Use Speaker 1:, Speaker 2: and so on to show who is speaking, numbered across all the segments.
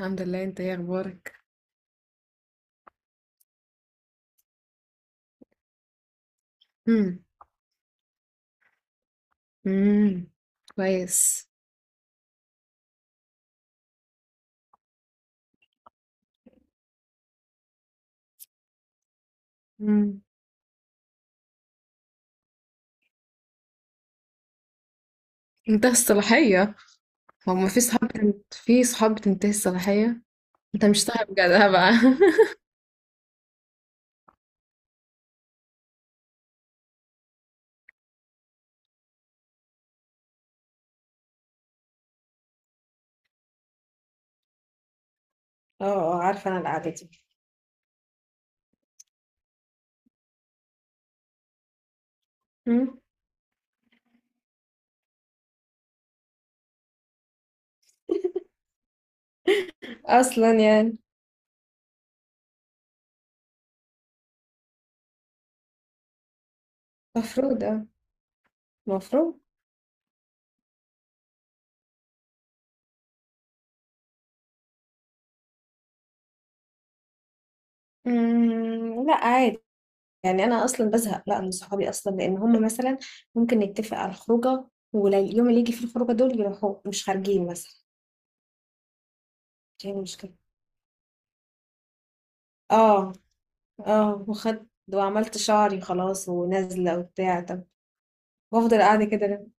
Speaker 1: الحمد لله، انت ايه اخبارك؟ امم امم كويس. امم انتهى الصلاحية. هو ما في صحاب في صحاب بتنتهي الصلاحية. انت مش صاحب جدع بقى. اه، اه، عارفة انا القعدة دي. مم. اصلا يعني. مفروض اه. المفروض. مم، لا عادي. يعني انا اصلا بزهق، لا من صحابي اصلا لان هم مثلا ممكن نتفق على الخروجة، واليوم اللي يجي فيه الخروجة دول يروحوا مش خارجين مثلا. دي المشكلة. اه، اه، وخدت وعملت شعري خلاص ونازلة وبتاع، طب. وافضل قاعدة كده ليه؟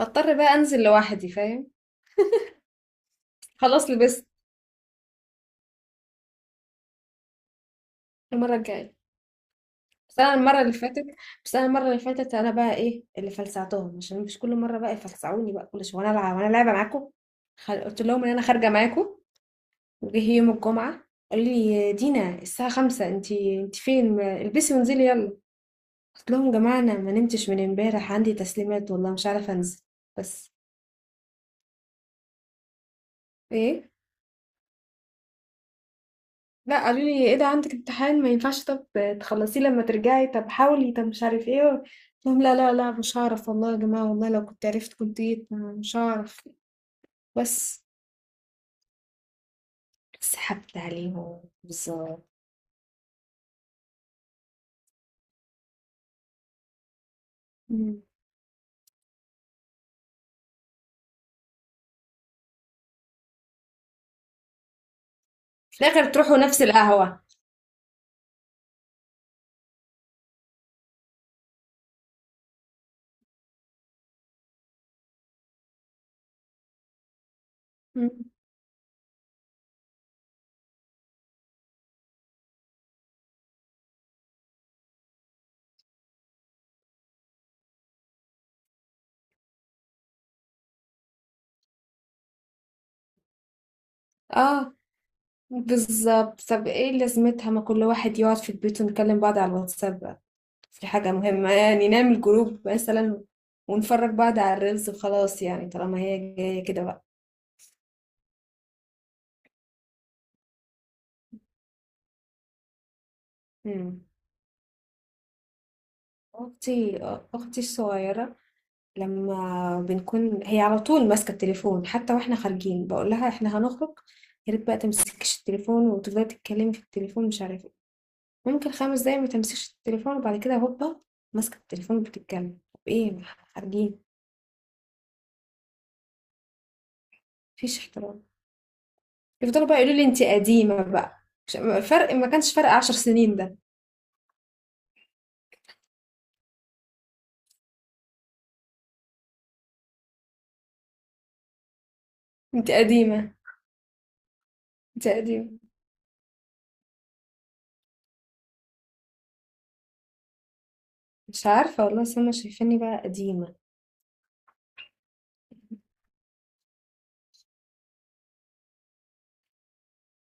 Speaker 1: بضطر بقى انزل لوحدي، فاهم. خلاص لبست. المرة الجاية. بس انا المرة اللي فاتت، بس انا المرة اللي فاتت انا بقى ايه اللي فلسعتهم عشان مش كل مرة بقى يفلسعوني بقى كل شوية وانا العب وانا لعبة معاكم. قلت لهم ان انا خارجة معاكم. وجه يوم الجمعة، قالوا لي دينا الساعة خمسة، انتي فين، البسي وانزلي يلا. قلت لهم يا جماعة انا ما نمتش من امبارح، عندي تسليمات والله مش عارفة انزل. بس ايه، لا، قالوا لي ايه ده؟ عندك امتحان؟ ما ينفعش. طب تخلصيه لما ترجعي، طب حاولي، طب مش عارف ايه. قلت لهم لا لا لا، مش هعرف والله يا جماعة، والله لو كنت عرفت كنت جيت، مش هعرف. بس. سحبت عليهم بالظبط. مم. في الاخر تروحوا نفس القهوة. مم. اه بالظبط، طب ايه لازمتها؟ ما كل واحد يقعد في البيت ونكلم بعض على الواتساب بقى. في حاجة مهمة يعني، نعمل جروب مثلا ونفرج بعض على الريلز وخلاص، يعني طالما هي جاية كده بقى. مم. اختي، اختي الصغيره، لما بنكون هي على طول ماسكه التليفون، حتى واحنا خارجين بقول لها احنا هنخرج، يا ريت بقى تمسكيش التليفون وتفضلي تتكلمي في التليفون مش عارفه إيه. ممكن خمس دقايق ما تمسكش التليفون، وبعد كده هوبا ماسكه التليفون بتتكلم، طب ايه؟ خارجين. مفيش احترام. يفضلوا بقى يقولوا لي انت قديمه بقى. مش- فرق، ما كانش فرق عشر سنين ده. انت قديمه. انت قديمه. مش عارفه والله، سما شايفاني بقى قديمه.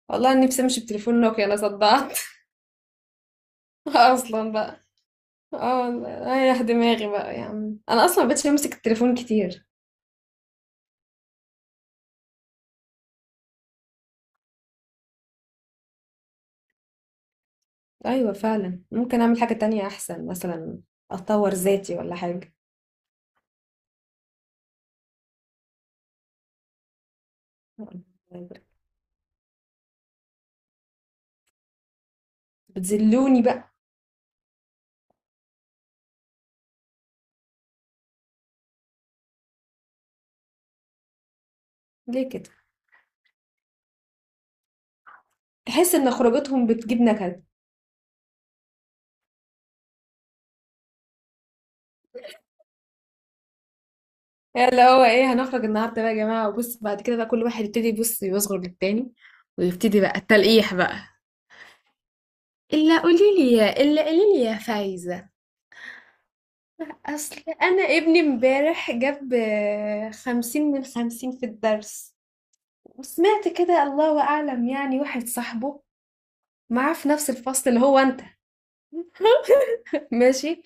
Speaker 1: والله نفسي امشي بتليفون نوكيا، انا صدعت. اصلا بقى، اه. رايح دماغي بقى يا عم، انا اصلا مبقتش بمسك التليفون كتير. ايوه فعلا، ممكن اعمل حاجة تانية احسن مثلا، اطور ذاتي ولا حاجة. بتذلوني بقى. ليه كده؟ تحس ان خروجتهم بتجيب نكد. يعني اللي هو ايه، هنخرج النهارده بقى يا جماعة، وبص بعد كده بقى كل واحد يبتدي يبص يصغر للتاني، ويبتدي بقى التلقيح بقى. الا قولي لي يا فايزة. اصل انا ابني امبارح جاب خمسين من خمسين في الدرس. وسمعت كده، الله أعلم يعني، واحد صاحبه معاه في نفس الفصل اللي هو أنت. ماشي،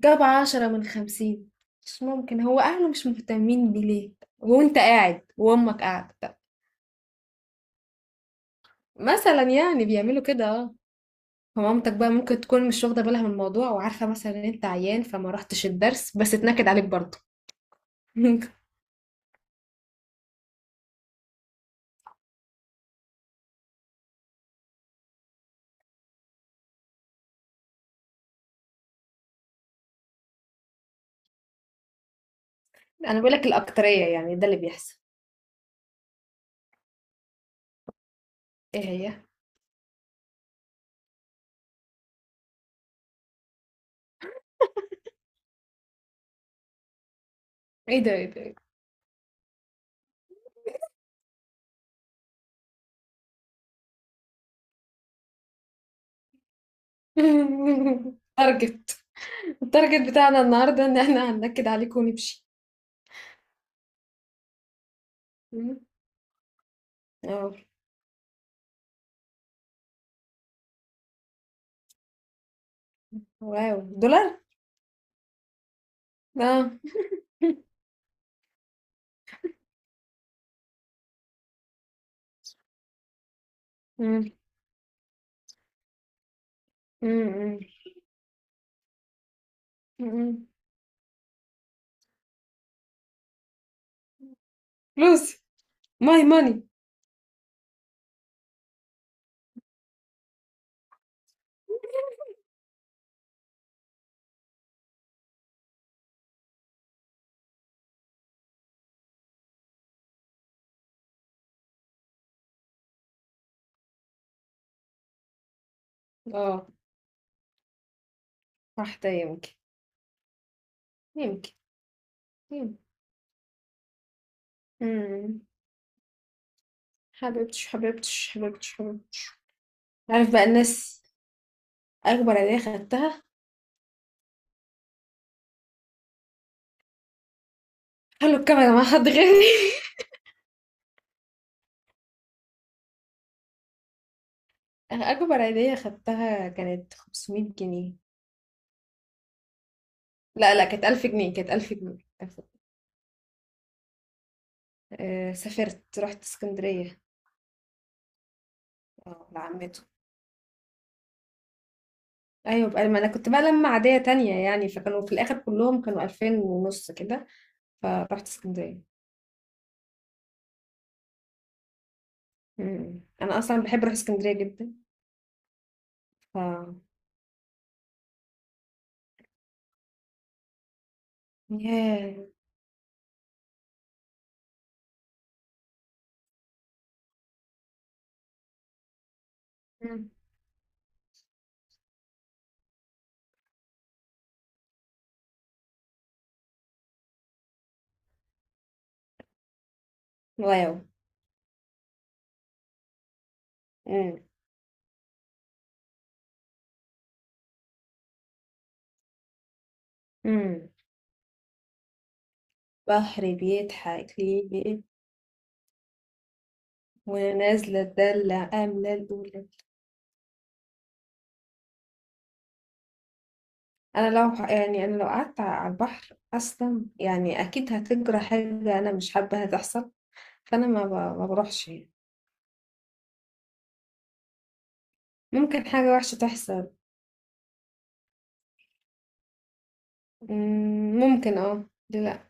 Speaker 1: جاب عشرة من خمسين. مش ممكن، هو أهله مش مهتمين بليه؟ وأنت قاعد وأمك قاعدة، طب. مثلا يعني بيعملوا كده، اه. فمامتك بقى ممكن تكون مش واخدة بالها من الموضوع، وعارفة مثلا إن أنت عيان فما رحتش الدرس، بس اتنكد عليك برضه. أنا بقولك الأكترية يعني، ده اللي بيحصل. إيه هي؟ إيه ده؟ إيه ده؟ إيه ده؟ التارجت. التارجت بتاعنا النهاردة إن إحنا هننكد عليك ونمشي. مم. اه. واو، دولار؟ اه. مم. مم. مم. فلوس. ماي ماني. اه. واحدة يمكن. يمكن. يمكن. مم. حبيبتش، حبيبتش، حبيبتش، حبيبتش. عارف بقى الناس، أكبر عيدية خدتها، خلوا الكاميرا مع حد غيري. أكبر عيدية خدتها كانت 500 جنيه. لا لا، كانت 1000 جنيه، كانت 1000 جنيه، ألف جنيه. آه، سافرت رحت اسكندرية. اه لعمته. ايوه بقى، ما انا كنت بقى لما عادية تانية يعني، فكانوا في الاخر كلهم كانوا 2000 ونص كده. فرحت اسكندرية. مم. انا اصلا بحب اروح اسكندرية جدا. ف. ياه. مم. واو. مم. مم. بحر بيضحك ليه؟ ونازلة الدلة آملة الأولى. أنا لو يعني، أنا لو قعدت على البحر أصلا يعني أكيد هتجرى حاجة أنا مش حابة هتحصل. فأنا ما بروحش يعني. ممكن حاجة وحشة تحصل. مم، ممكن اه، ليه لأ.